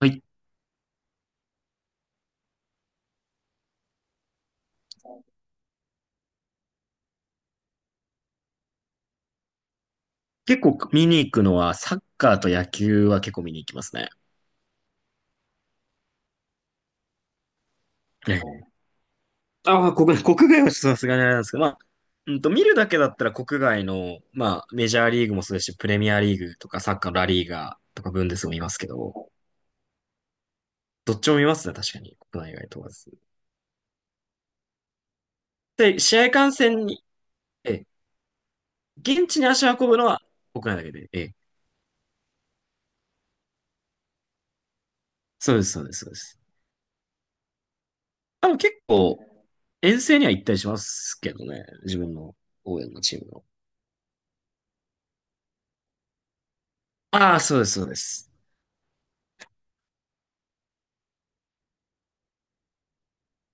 はい。結構見に行くのは、サッカーと野球は結構見に行きますね。ね。ああ、国外はちょっとさすがにあれなんですけど、まあ、見るだけだったら国外の、まあ、メジャーリーグもそうですし、プレミアリーグとか、サッカーのラリーガーとか、ブンデスも見ますけど、どっちも見ますね、確かに。国内外問わず。で、試合観戦に、ええ、現地に足を運ぶのは国内だけで、ええ、そうです、そうです、そうです。あの、結構、遠征には行ったりしますけどね、自分の応援のチームの。ああ、そうです、そうです。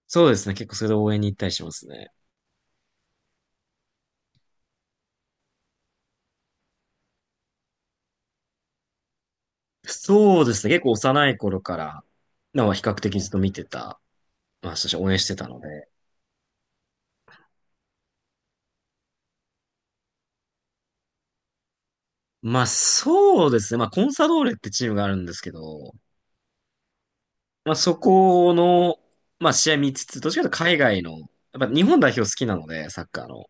そうですね。結構それで応援に行ったりしますね。そうですね。結構幼い頃から、なんか比較的ずっと見てた、まあ、そして応援してたので。まあ、そうですね。まあ、コンサドーレってチームがあるんですけど、まあ、そこの、まあ、試合見つつ、どっちかというと海外の、やっぱ日本代表好きなので、サッカーの。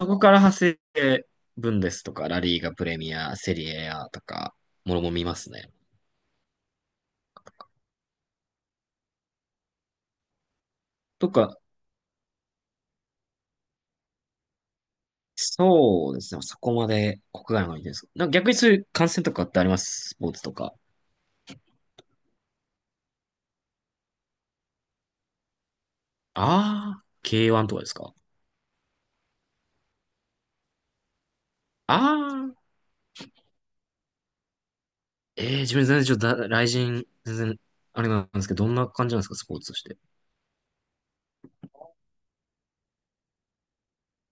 そこから派生して、ブンデスとか、ラリーガプレミア、セリエ A とか、もろもろ見ますね。とか、そうですね。そこまで国外の方に行ってるんですか。なんか逆にそういう観戦とかってありますスポーツとか。ああ、K1 とかですか。ああ、ええ自分全然ちょっとだ、雷神、全然、あれなんですけど、どんな感じなんですか、スポーツとして。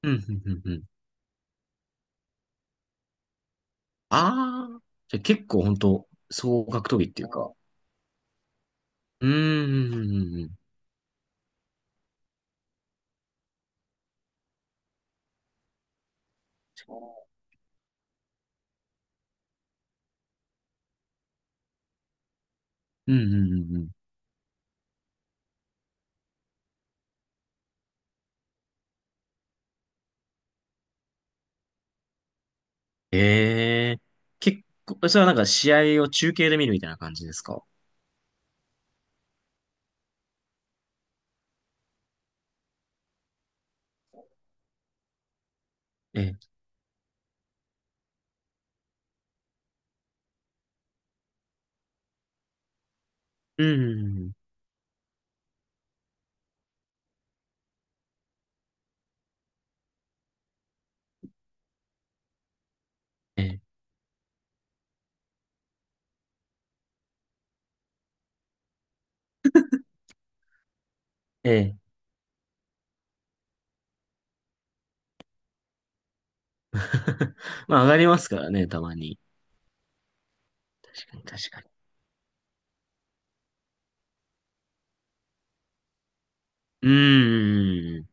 うん、うん、うん、うん。ああ、じゃあ結構本当総格闘技っていうか。うーん、うん、うん、うん、うん、うんうんうん。ええ結構、それはなんか試合を中継で見るみたいな感じですか。ええ、うん、うんうんうん、ええ、ええ。まあ、上がりますからね、たまに。確かに、確かに。うーん。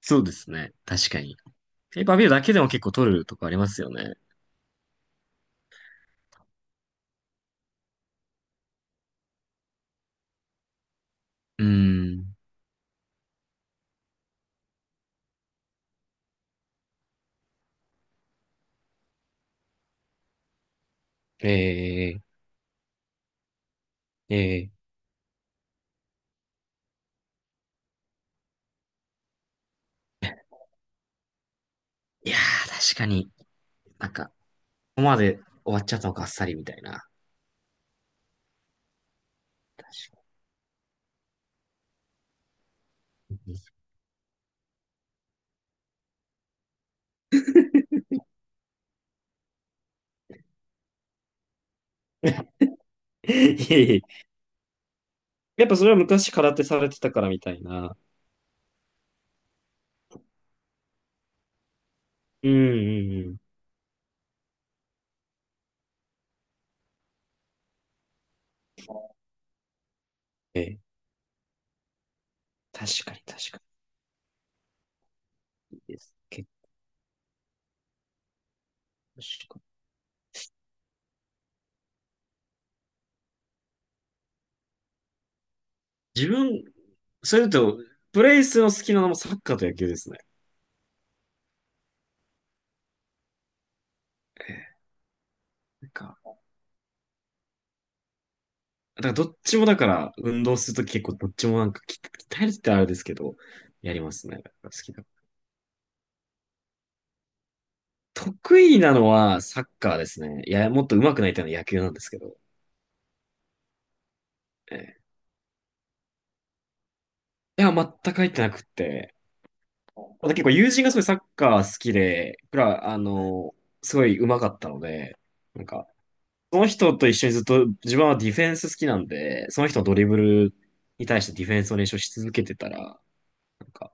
そうですね。確かに。ペーパービューだけでも結構取るとこありますよね。うーん。ええええいやー、確かに。なんか、ここまで終わっちゃったのか、あっさりみたいな。確かに。いえいえ。やっぱそれは昔空手されてたからみたいな。うんうんうん。ええ。確かに確かに。いいです。結構確かに自分、それだと、プレイスの好きなのもサッカーと野球ですね。ええなんか、だからどっちもだから、運動するとき結構どっちもなんか鍛えるってあれですけど、やりますね。好きだ。得意なのはサッカーですね。いや、もっと上手くなりたいのは野球なんですけど。ええいや、全く入ってなくって。また結構友人がすごいサッカー好きで、僕ら、あの、すごい上手かったので、なんか、その人と一緒にずっと、自分はディフェンス好きなんで、その人のドリブルに対してディフェンスを練習し続けてたら、なんか、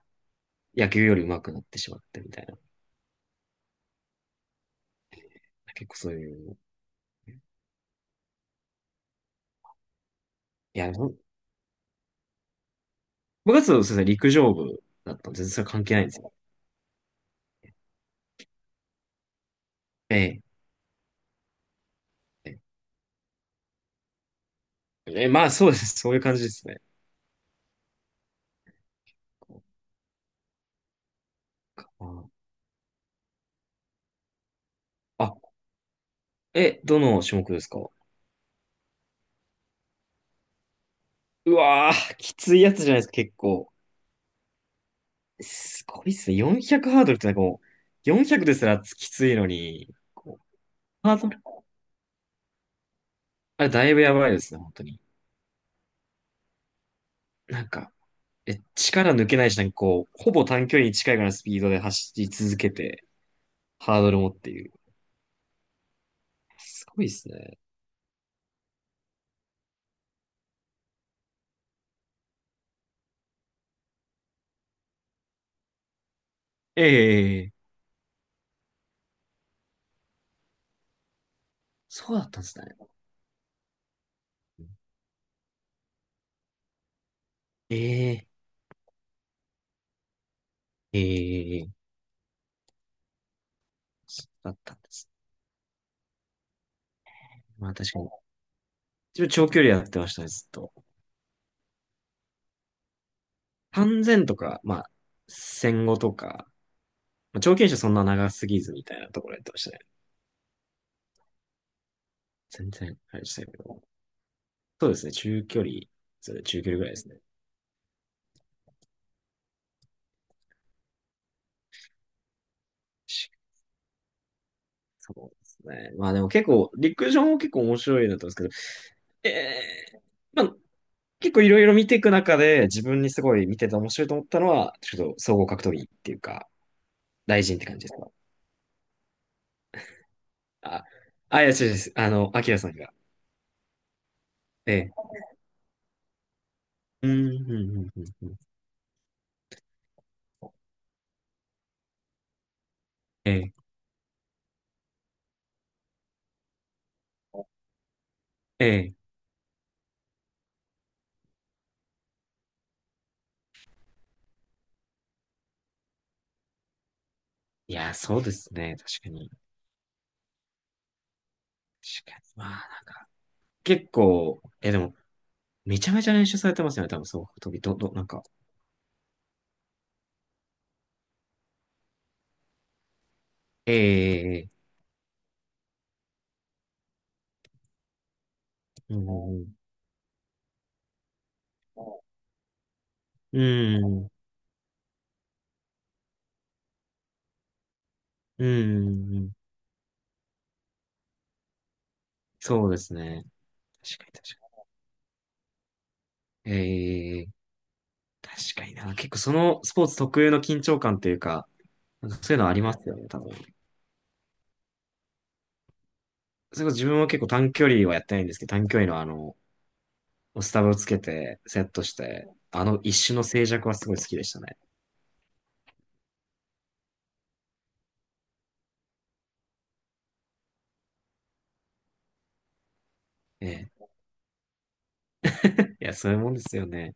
野球より上手くなってしまってみたいな。結構そういういや、ほん部そうですね、陸上部だったので、全然それ関係ないんですよ。ええ。ええ、えまあ、そうです。そういう感じですね。こうかあ、え、どの種目ですか。うわー、きついやつじゃないですか、結構。すごいっすね。400ハードルってなんかもう、400ですらきついのに、こう、ハードル、あれだいぶやばいですね、本当に。なんか、え、力抜けないし、なんかこう、ほぼ短距離に近いぐらいのスピードで走り続けて、ハードルもっていう。すごいっすね。ええそうだったんですね。ええ、ええ、そうだったんですね。まあ確かに。自分長距離やってましたね、ずっと。3 0とか、まあ、1 5とか、まあ、長距離じゃそんな長すぎずみたいなところやってましたね。全然、あれでしたけど。そうですね、中距離、そう中距離ぐらいですね。しそうですね。まあでも結構、陸上も結構面白いなと思うんですけど、ええ、まあ、結構いろいろ見ていく中で、自分にすごい見てて面白いと思ったのは、ちょっと総合格闘技っていうか、大臣って感じですか。あ、あ、いや、違う違う、あの、アキラさんが。ええ。うん、うん、うん、うん。うんええ、ええ。いや、そうですね。確かに。確かに。まあ、結構、え、でも、めちゃめちゃ練習されてますよね。多分、そう、時、なんか。ええ、ええ、うん、うん、うん、うん、うんそうですね。確かに、確かに。ええ、確かにな。結構、そのスポーツ特有の緊張感というか、なんかそういうのありますよね、多分。それこそ自分は結構短距離はやってないんですけど、短距離のあの、スタバをつけて、セットして、あの一種の静寂はすごい好きでしたね。ええ。いや、そういうもんですよね。